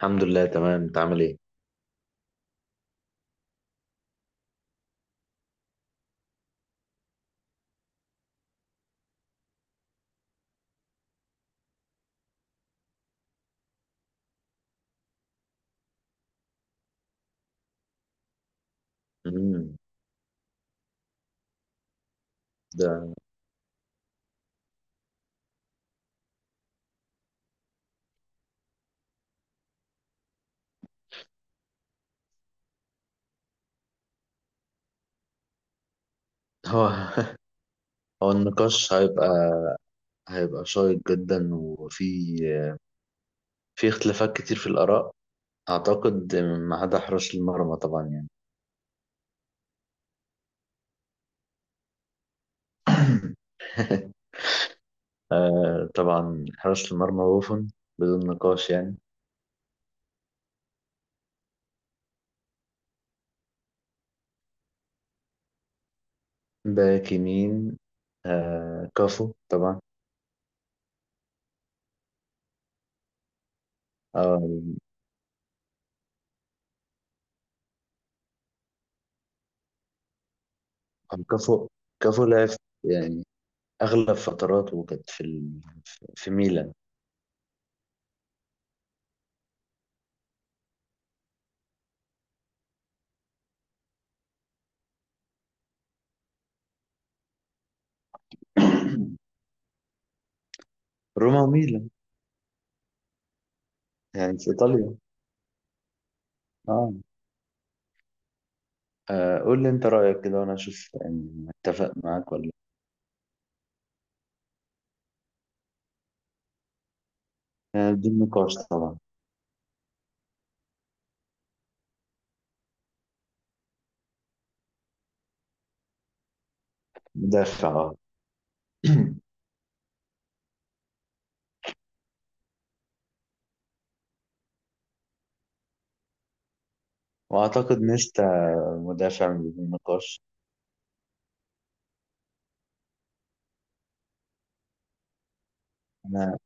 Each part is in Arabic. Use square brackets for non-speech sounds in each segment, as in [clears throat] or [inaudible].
الحمد لله تمام، انت عامل ايه؟ امم ده هو [laughs] هو النقاش هيبقى شيق جدا، وفي اختلافات كتير في الآراء. اعتقد ما عدا حراس المرمى طبعا، يعني [laughs] طبعا حراس المرمى بوفون، بدون نقاش يعني. باك يمين كافو طبعا. آه، كافو كافو لعب يعني اغلب فتراته كانت في ميلان. [coughs] [clears throat] روما وميلان، يعني في ايطاليا. اه، قول لي انت رأيك كده وانا اشوف، يعني متفق معاك ولا لا. بدون نقاش طبعا. مدافع، اه. [clears throat] واعتقد نيستا مدافع من بدون نقاش. انا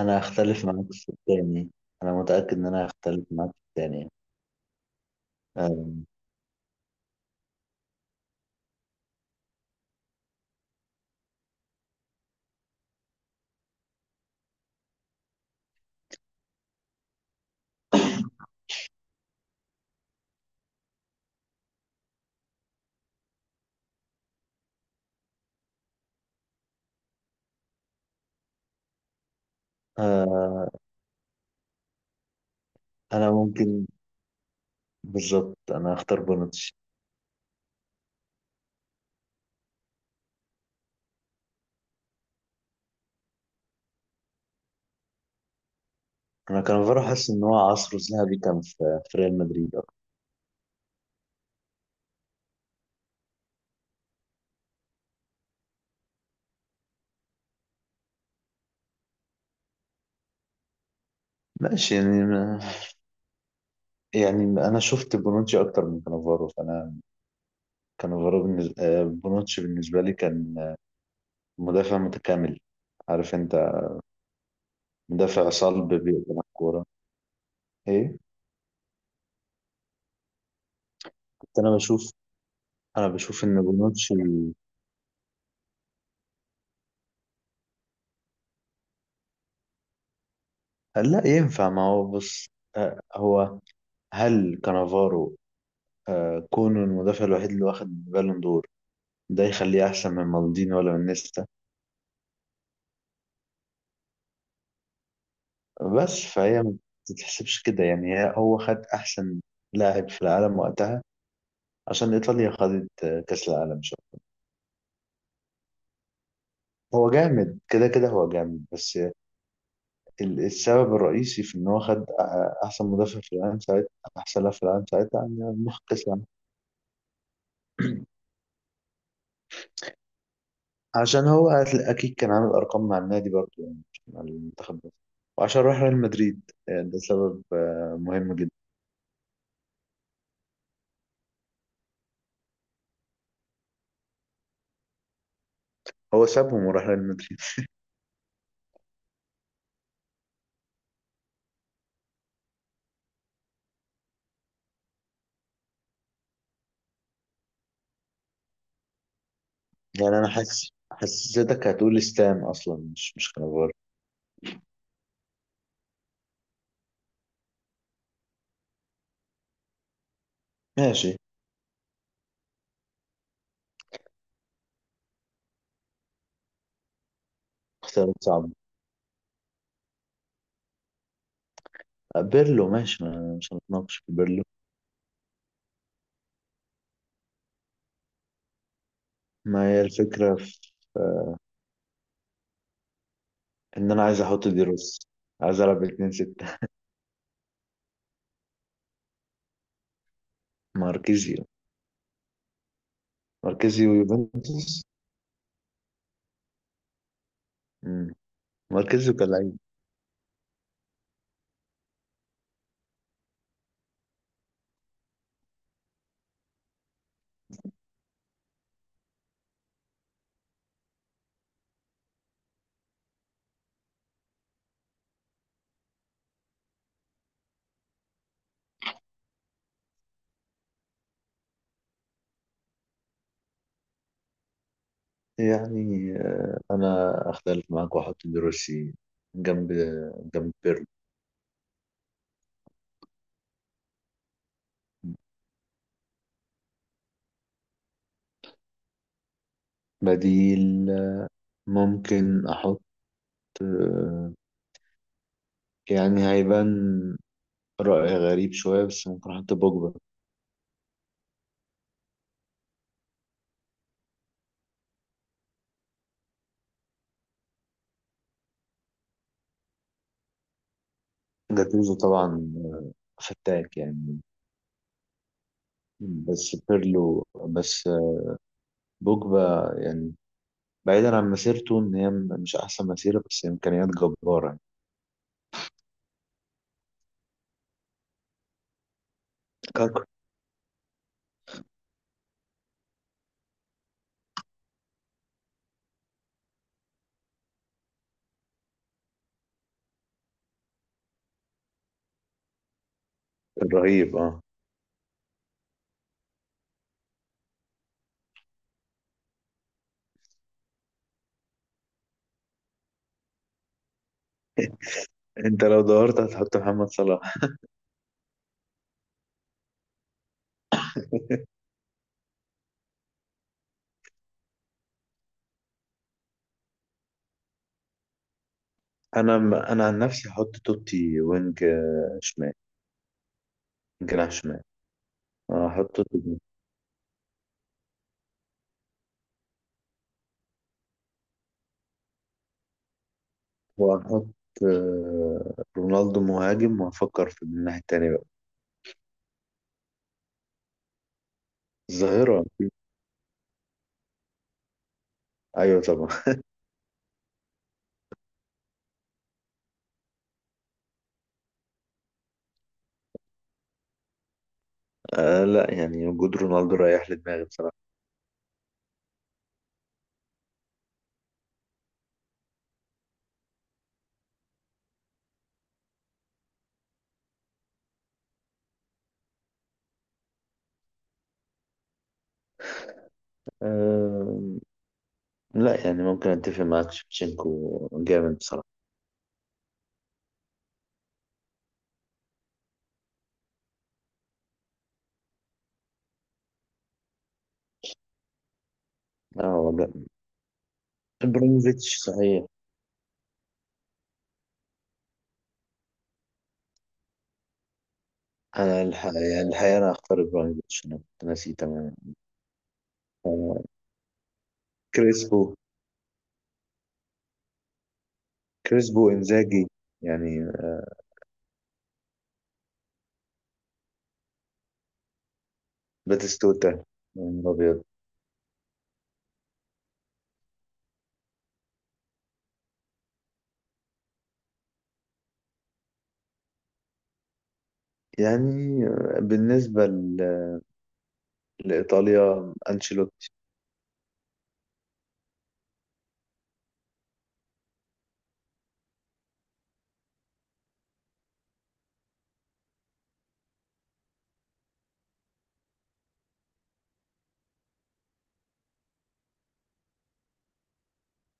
انا هختلف معاك في الثاني، انا متأكد ان انا هختلف معاك في الثاني. آه. آه. انا ممكن، بالظبط انا هختار بونوتشي. انا كان بروح احس ان هو عصره الذهبي كان في ريال مدريد أكتر. ماشي، يعني انا شفت بونوتشي اكتر من كانافارو، فانا كان الغراب بالنسبة بونوتشي بالنسبة لي كان مدافع متكامل، عارف انت، مدافع صلب بيقدم الكورة. ايه. كنت انا بشوف انا بشوف ان بونوتشي لا ينفع. ما هو بص، آه، هو هل كانافارو، كونه المدافع الوحيد اللي واخد بالون دور، ده يخليه احسن من مالديني ولا من نيستا؟ بس فهي ما تتحسبش كده يعني، هو خد احسن لاعب في العالم وقتها عشان ايطاليا خدت كاس العالم. شو، هو جامد كده كده هو جامد، بس السبب الرئيسي في ان هو خد احسن مدافع في العالم ساعتها، احسن لاعب في العالم ساعتها، عن مخ كاس العالم. عشان اكيد كان عامل ارقام مع النادي برضه، يعني مش مع المنتخب بس، وعشان راح ريال مدريد. يعني ده سبب مهم جدا. هو سابهم وراح ريال مدريد. يعني انا حاسس حسيتك هتقول ستام اصلا، مش كانافارو. ماشي. اختيارات صعبة. بيرلو ماشي، ما مش هنتناقش في بيرلو. ما هي الفكرة في آه، ان انا عايز احط دي روس عايز العب 2 6. ماركيزيو. ماركيزيو ويوفنتوس. مم. ماركيزيو كلاعب يعني انا اختلف معاك واحط دروسي جنب جنب بيرلو. بديل ممكن احط آه، يعني هيبان رأي غريب شوية، بس ممكن احط بوجبا. جاتوزو طبعا فتاك يعني، بس بيرلو بس بوجبا يعني، بعيدا عن مسيرته ان هي مش احسن مسيرة، بس امكانيات جبارة. كاكا. رهيب، اه. انت لو دورت هتحط محمد صلاح. انا عن نفسي هحط توتي وينج شمال. جناح شمال. هحط توتي جناح. وهحط رونالدو مهاجم، وهفكر في الناحية التانية بقى. الظاهرة أكيد. ايوه طبعا. [laughs] آه لا، يعني وجود رونالدو رايح لدماغي بصراحة. آه لا، يعني ممكن اتفق معاك، شفتشينكو جامد بصراحة. اه والله. ابراهيموفيتش صحيح. يعني الحقيقة انا اختار ابراهيموفيتش، انا كنت ناسي تماما آه، كريسبو. كريسبو، انزاجي، يعني باتيستوتا من الابيض. يعني بالنسبه لايطاليا انشيلوتي.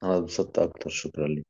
انا اتبسطت اكتر، شكرا لك.